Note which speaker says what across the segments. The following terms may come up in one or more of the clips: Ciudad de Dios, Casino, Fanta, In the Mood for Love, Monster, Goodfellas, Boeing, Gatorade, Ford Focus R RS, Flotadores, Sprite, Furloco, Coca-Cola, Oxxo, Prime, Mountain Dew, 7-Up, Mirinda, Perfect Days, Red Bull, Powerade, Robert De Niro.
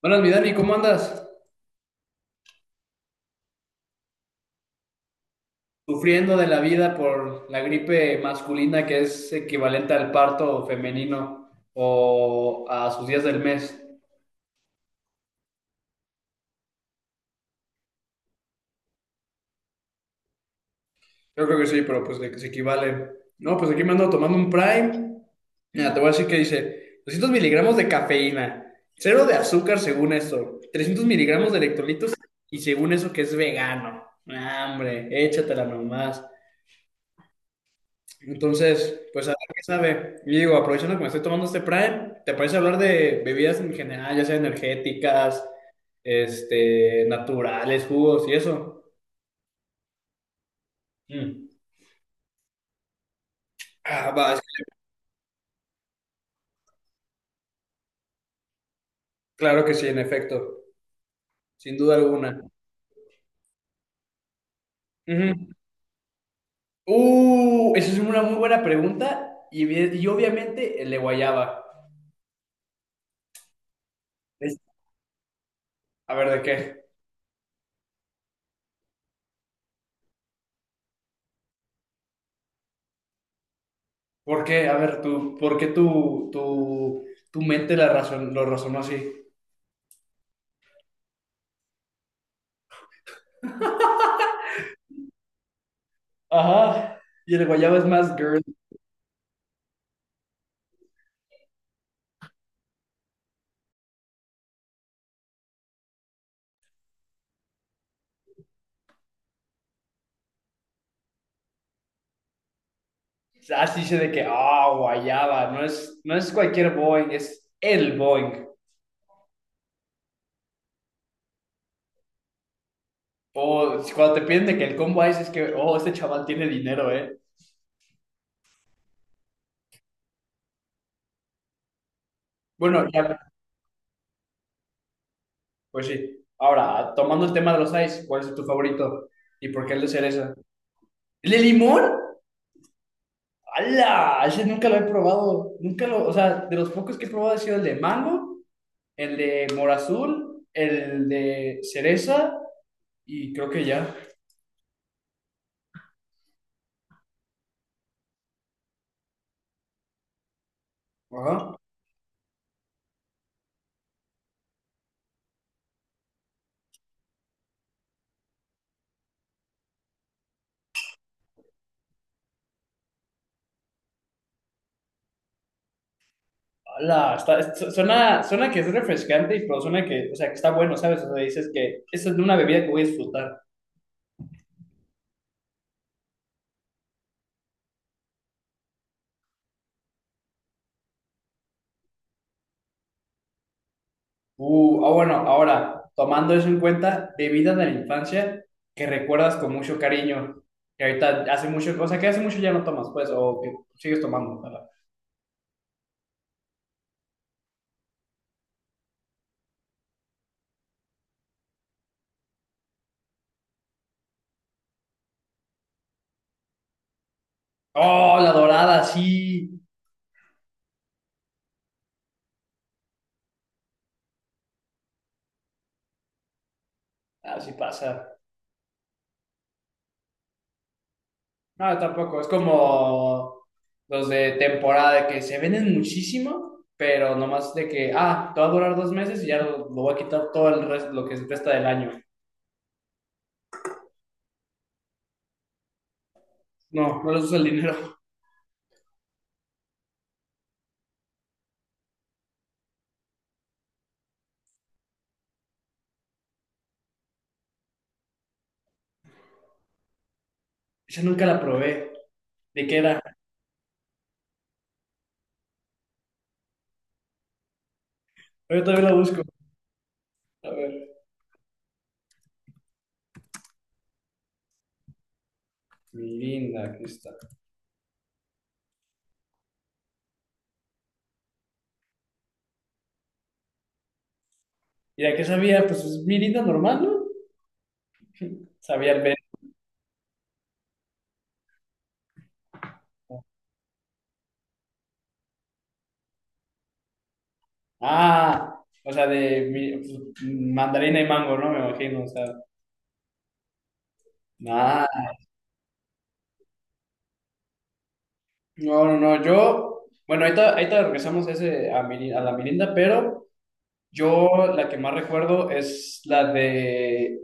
Speaker 1: Buenas, mi Dani, ¿cómo andas? Sufriendo de la vida por la gripe masculina que es equivalente al parto femenino o a sus días del mes. Yo creo que sí, pero pues de que se equivalen. No, pues aquí me ando tomando un Prime. Mira, te voy a decir que dice 200 miligramos de cafeína, cero de azúcar según esto, 300 miligramos de electrolitos y según eso que es vegano. Ah, hombre, échatela nomás. Entonces, pues a ver qué sabe. Y digo, aprovechando que me estoy tomando este Prime, ¿te parece hablar de bebidas en general, ya sea energéticas, naturales, jugos y eso? Mm. Ah, va, es que claro que sí, en efecto, sin duda alguna. Ujú. Esa es una muy buena pregunta y, bien- y obviamente el de guayaba. Es- A ver, ¿de qué? ¿Por qué? A ver, tú, ¿por qué tu mente la razón, lo razonó así? Ajá. Y el guayaba es más girl. Así dice de que, ah, guayaba, no es cualquier Boeing, es el Boeing. O si cuando te piden de que el combo ice es que, oh, este chaval tiene dinero, ¿eh? Bueno, ya, pues sí. Ahora, tomando el tema de los ice, ¿cuál es tu favorito? ¿Y por qué el de cereza? ¿El de limón? ¡Hala! Ese nunca lo he probado. Nunca lo, o sea, de los pocos que he probado ha sido el de mango, el de mora azul, el de cereza y creo que ya. Ajá. Hola, está, su- suena que es refrescante y pero suena que, o sea, que está bueno, ¿sabes? O sea, dices que esta es una bebida que voy a disfrutar. Ah, bueno, ahora, tomando eso en cuenta, bebida de la infancia que recuerdas con mucho cariño, que ahorita hace mucho, o sea, que hace mucho ya no tomas, pues, o que sigues tomando, ¿verdad? Oh, la dorada, sí. Ah, sí pasa. No, tampoco. Es como los de temporada de que se venden muchísimo, pero nomás de que, ah, te va a durar dos meses y ya lo voy a quitar todo el resto, lo que resta del año. No, no les uso el dinero. Esa nunca la probé. ¿De qué era? Yo todavía la busco. A ver. Mirinda, aquí está. ¿Y la que sabía? Pues es Mirinda normal, ¿no? Sabía el verbo. Ah, o sea, de mi- pues, mandarina y mango, ¿no? Me imagino, o sea. Ah, no, no, no, yo, bueno, ahorita, ahorita regresamos ese a, Miri- a la Mirinda, pero yo la que más recuerdo es la de,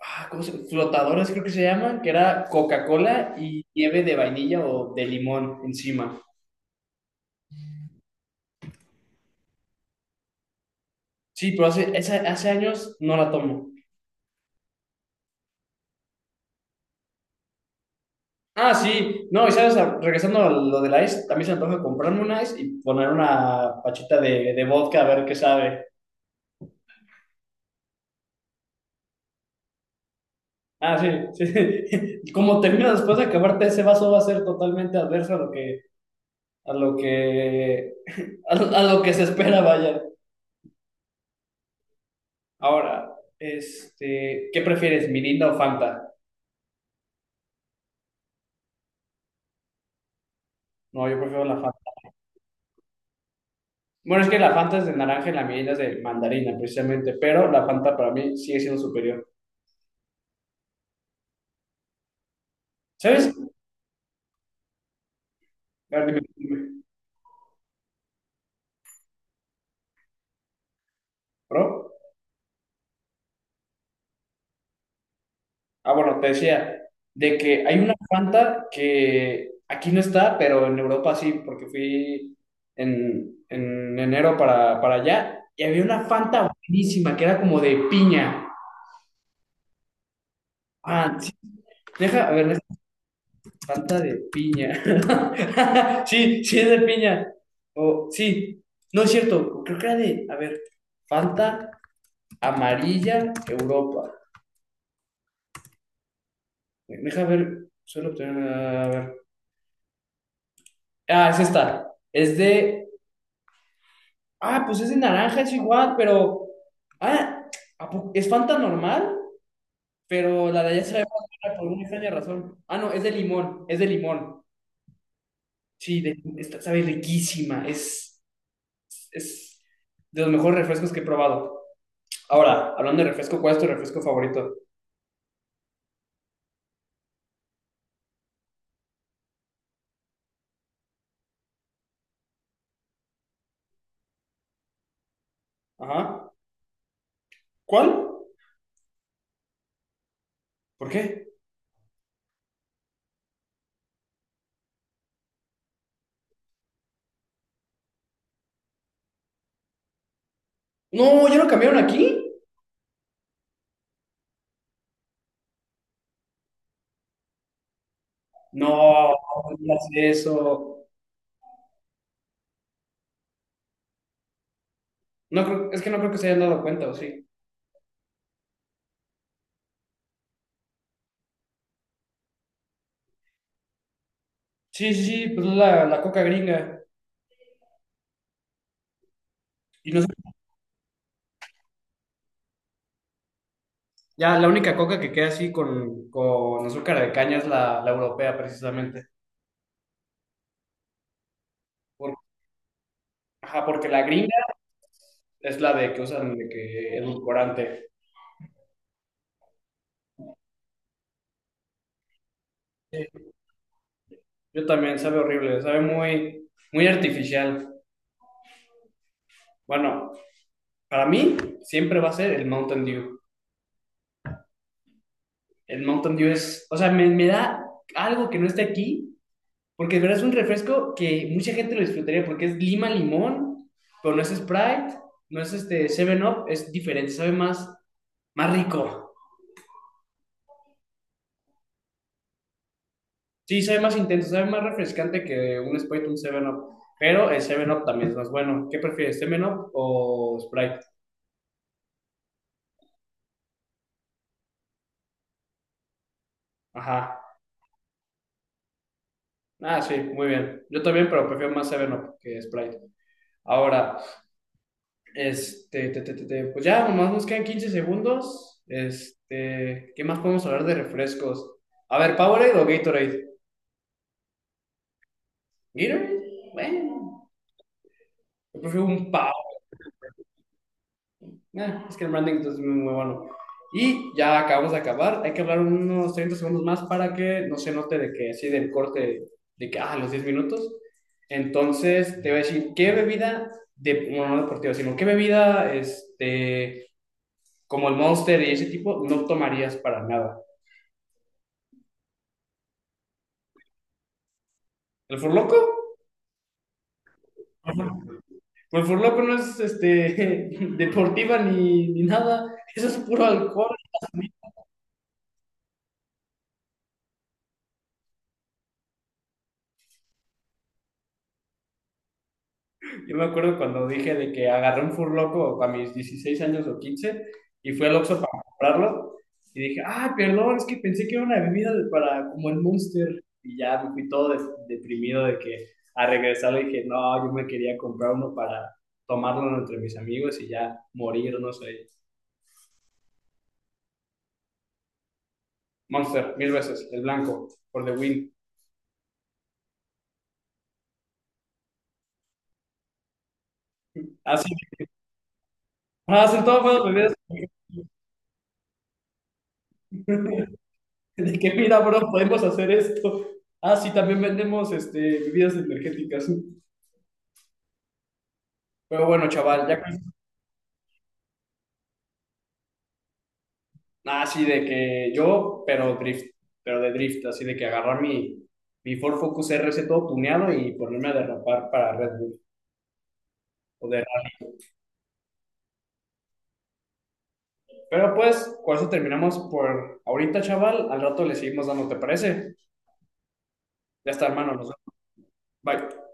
Speaker 1: ah, ¿cómo se- Flotadores creo que se llaman, que era Coca-Cola y nieve de vainilla o de limón encima. Sí, pero hace, esa- hace años no la tomo. Ah, sí, no, y sabes, a- regresando a lo del ice, también se me antoja comprarme un ice y poner una pachita de vodka a ver qué sabe. Ah, sí, sí. Como termina después de acabarte ese vaso va a ser totalmente adverso a lo que, a lo que se espera, vaya. Ahora, ¿qué prefieres, Mirinda o Fanta? No, yo prefiero la Fanta. Bueno, es que la Fanta es de naranja y la Mirinda es de mandarina, precisamente, pero la Fanta para mí sigue siendo superior. ¿Sabes? A ver, dime, dime, ¿Pro? Ah, bueno, te decía, de que hay una Fanta que aquí no está, pero en Europa sí, porque fui en enero para allá y había una Fanta buenísima que era como de piña. Ah, sí, deja, a ver, deja, Fanta de piña. Sí, sí es de piña. O sí, no es cierto, creo que era de, a ver, Fanta amarilla Europa. Deja ver, suelo obtener, a ver. Ah, es esta, es de. Ah, pues es de naranja, es igual, pero. Ah, ¿a po- es Fanta normal, pero la de allá sabe más buena por una extraña razón. Ah, no, es de limón, es de limón. Sí, de- esta sabe riquísima, es de los mejores refrescos que he probado. Ahora, hablando de refresco, ¿cuál es tu refresco favorito? Ajá. ¿Cuál? ¿Por qué? No, ¿ya lo cambiaron aquí? No, no digas eso. No creo, es que no creo que se hayan dado cuenta, ¿o sí? Sí, pues es la coca gringa. Y no. Ya la única coca que queda así con azúcar de caña es la europea, precisamente. Por- ajá, porque la gringa es la de que usan de que edulcorante. Sí, yo también, sabe horrible, sabe muy, muy artificial. Bueno, para mí siempre va a ser el Mountain Dew. El Mountain Dew es, o sea, me da algo que no esté aquí, porque de verdad es un refresco que mucha gente lo disfrutaría porque es lima limón, pero no es Sprite, no es Seven up es diferente, sabe más, más rico. Sí, sabe más intenso, sabe más refrescante que un Sprite, un 7-Up. Pero el 7-Up también es más bueno. ¿Qué prefieres, 7-Up o Sprite? Ajá. Ah, sí, muy bien. Yo también, pero prefiero más 7-Up que Sprite. Ahora, pues ya, nomás nos quedan 15 segundos. ¿Qué más podemos hablar de refrescos? A ver, ¿Powerade o Gatorade? Gatorade, bueno. Yo prefiero un Powerade. Es que el branding entonces, es muy, bueno. Y ya acabamos de acabar. Hay que hablar unos 30 segundos más para que no se note de que así del corte de que, ah, los 10 minutos. Entonces, te voy a decir, ¿qué bebida, de, bueno, no deportiva, sino qué bebida, como el Monster y ese tipo, no tomarías para nada? ¿El Furloco? Pues el Furloco no es, deportiva ni, ni nada. Eso es puro alcohol. Yo me acuerdo cuando dije de que agarré un furloco a mis 16 años o 15 y fui al Oxxo para comprarlo y dije, ah, perdón, es que pensé que era una bebida de- para como el Monster y ya me fui todo des- deprimido de que a regresar le dije, no, yo me quería comprar uno para tomarlo entre mis amigos y ya morirnos ahí. Monster, mil veces, el blanco, por the win. Así, hacen todas las bebidas de que mira, bro, podemos hacer esto. Ah, sí, también vendemos bebidas energéticas. Pero bueno, chaval, ya con... Nada, así de que yo, pero drift, pero de drift, así de que agarrar mi, mi Ford Focus R RS todo tuneado y ponerme a derrapar para Red Bull. O de- Pero pues, con eso terminamos por ahorita, chaval. Al rato le seguimos dando, ¿te parece? Ya está, hermano, nos vemos. Bye.